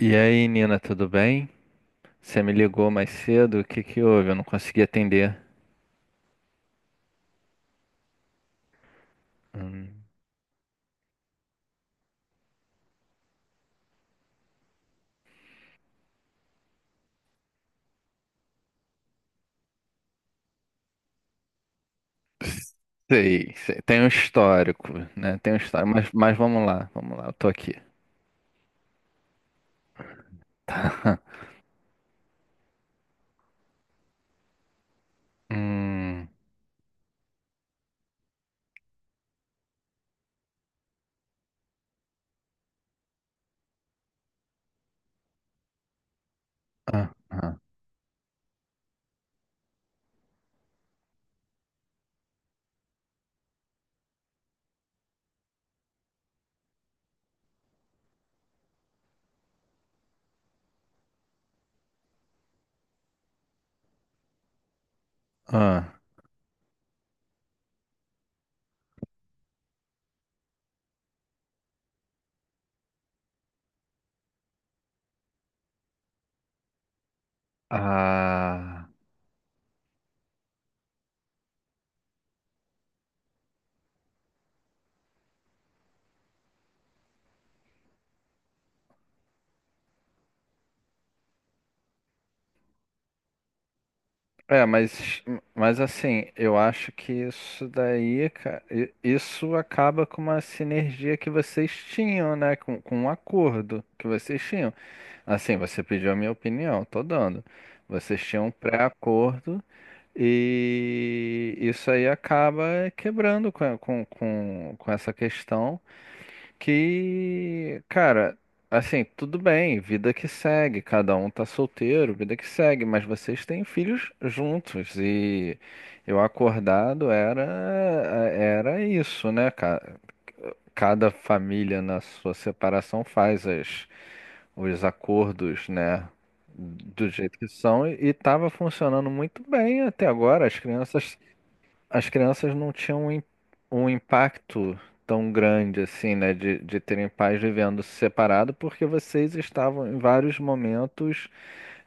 E aí, Nina, tudo bem? Você me ligou mais cedo? O que que houve? Eu não consegui atender. Hum. Sei, sei. Tem um histórico, né? Tem um histórico, mas vamos lá, eu tô aqui. Tá. Hum. Ah, ah, ah. Ah. É, mas assim, eu acho que isso daí, cara, isso acaba com uma sinergia que vocês tinham, né? Com um acordo que vocês tinham. Assim, você pediu a minha opinião, tô dando. Vocês tinham um pré-acordo e isso aí acaba quebrando com essa questão que, cara, assim, tudo bem, vida que segue, cada um tá solteiro, vida que segue, mas vocês têm filhos juntos e eu acordado era isso, né? Cada família na sua separação faz as os acordos, né? Do jeito que são, e estava funcionando muito bem até agora. As crianças não tinham um, um impacto tão grande assim, né, de terem pais vivendo separado, porque vocês estavam em vários momentos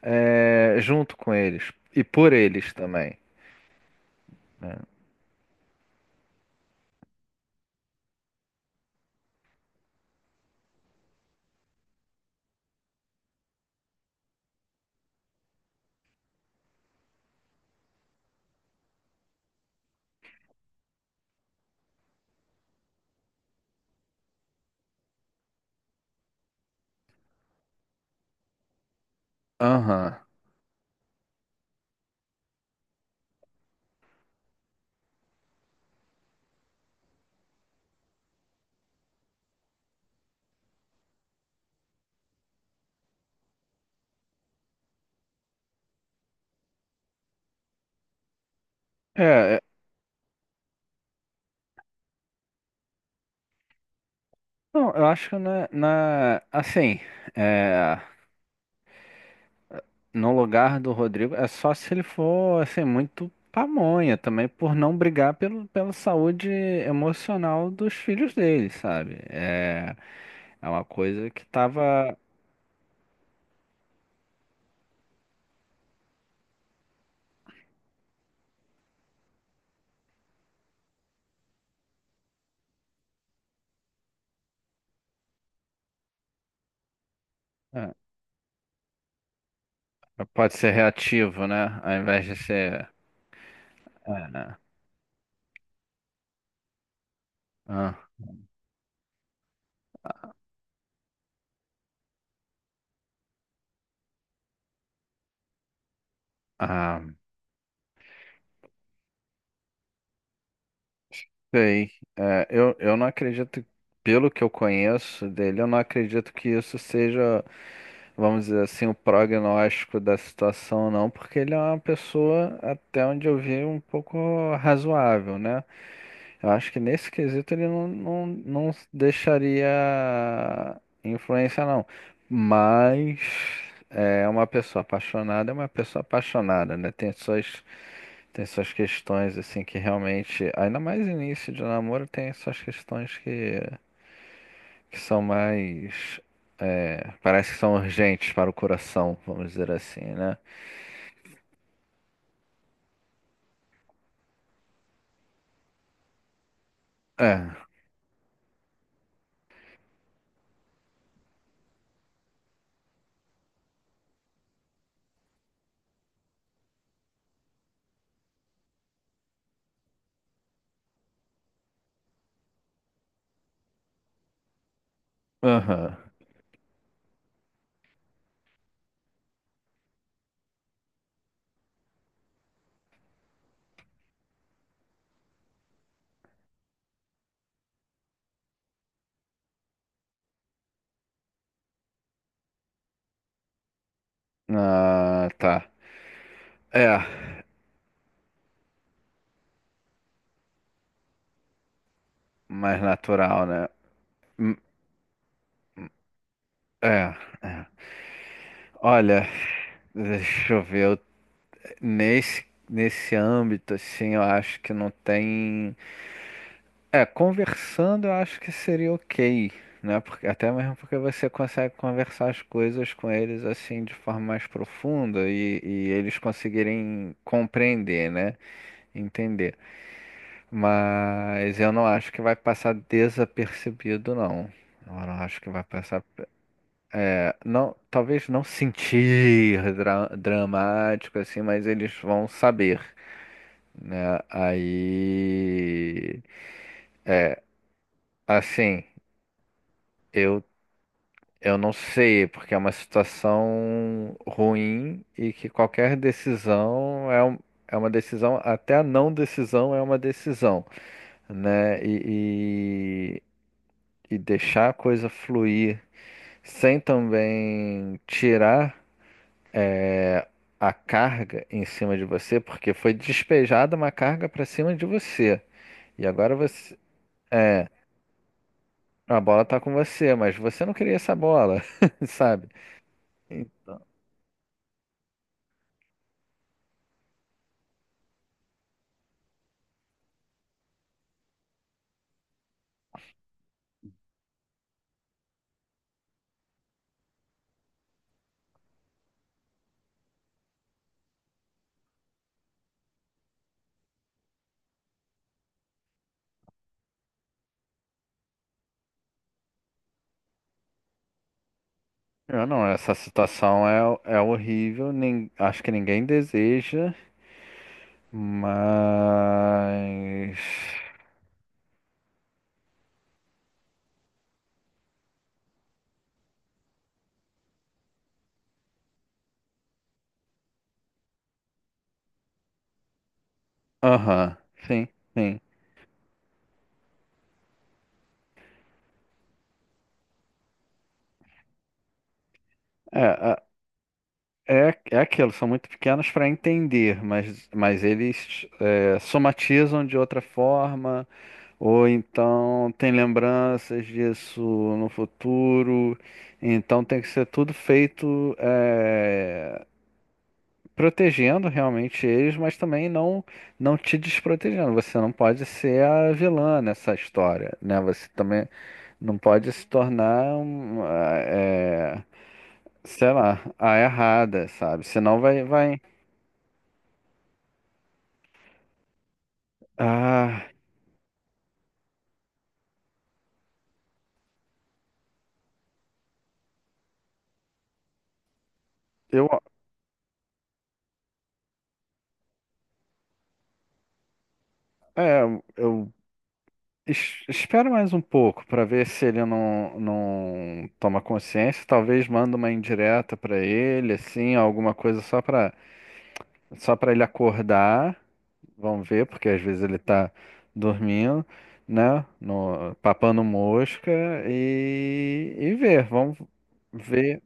junto com eles e por eles também. Aham. É, não, eu acho que assim, é, no lugar do Rodrigo, é só se ele for, assim, muito pamonha também, por não brigar pela saúde emocional dos filhos dele, sabe? É, é uma coisa que tava. É, pode ser reativo, né? Ao invés de ser. É, né? Ah, ah, sei. É, eu não acredito, pelo que eu conheço dele, eu não acredito que isso seja, vamos dizer assim, o prognóstico da situação, não, porque ele é uma pessoa, até onde eu vi, um pouco razoável, né? Eu acho que nesse quesito ele não deixaria influência, não. Mas é uma pessoa apaixonada, é uma pessoa apaixonada, né? Tem suas questões, assim, que realmente, ainda mais início de namoro, tem suas questões que são mais. É, parece que são urgentes para o coração, vamos dizer assim, né? É, aham. Ah, tá. É, mais natural, né? É. É. Olha, deixa eu ver, nesse âmbito, assim, eu acho que não tem. É, conversando eu acho que seria ok, né? Porque, até mesmo porque você consegue conversar as coisas com eles, assim, de forma mais profunda e eles conseguirem compreender, né? Entender. Mas eu não acho que vai passar desapercebido, não. Eu não acho que vai passar. Não, talvez não sentir dramático assim, mas eles vão saber, né? Aí, assim, eu eu não sei, porque é uma situação ruim e que qualquer decisão é, é uma decisão, até a não decisão é uma decisão, né? E deixar a coisa fluir sem também tirar. É, a carga em cima de você, porque foi despejada uma carga para cima de você. E agora você, a bola tá com você, mas você não queria essa bola, sabe? Então, eu não, essa situação é horrível, nem, acho que ninguém deseja, mas. Aham, sim, sim. É, é aquilo, são muito pequenos para entender, mas eles somatizam de outra forma. Ou então tem lembranças disso no futuro. Então tem que ser tudo feito protegendo realmente eles, mas também não te desprotegendo. Você não pode ser a vilã nessa história, né? Você também não pode se tornar, sei lá, a errada, sabe? Senão vai. Ah, eu é, eu Es- Espera mais um pouco para ver se ele não toma consciência. Talvez manda uma indireta para ele, assim, alguma coisa só para ele acordar. Vamos ver, porque às vezes ele tá dormindo, né? No, papando mosca e ver. Vamos ver.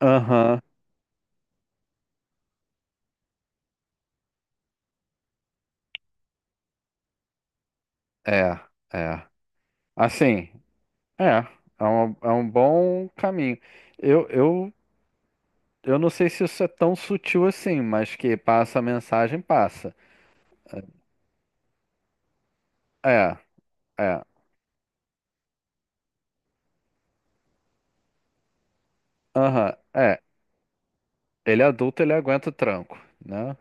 Aham, é, é. Assim, é. É um bom caminho. Eu, eu Eu não sei se isso é tão sutil assim, mas que passa a mensagem, passa. É, é. Aham, é. Ele é adulto, ele aguenta o tranco, né?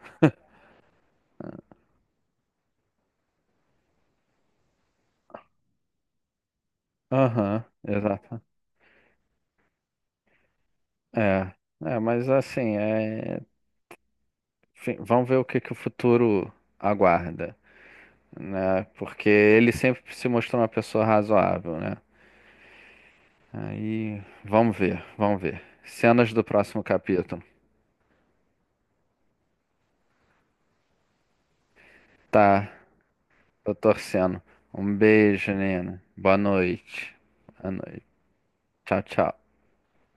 Aham, exato. É, é, mas assim, enfim, vamos ver o que que o futuro aguarda, né? Porque ele sempre se mostrou uma pessoa razoável, né? Aí, vamos ver, vamos ver. Cenas do próximo capítulo. Tá, tô torcendo. Um beijo, Nina. Boa noite. Boa noite. Tchau, tchau.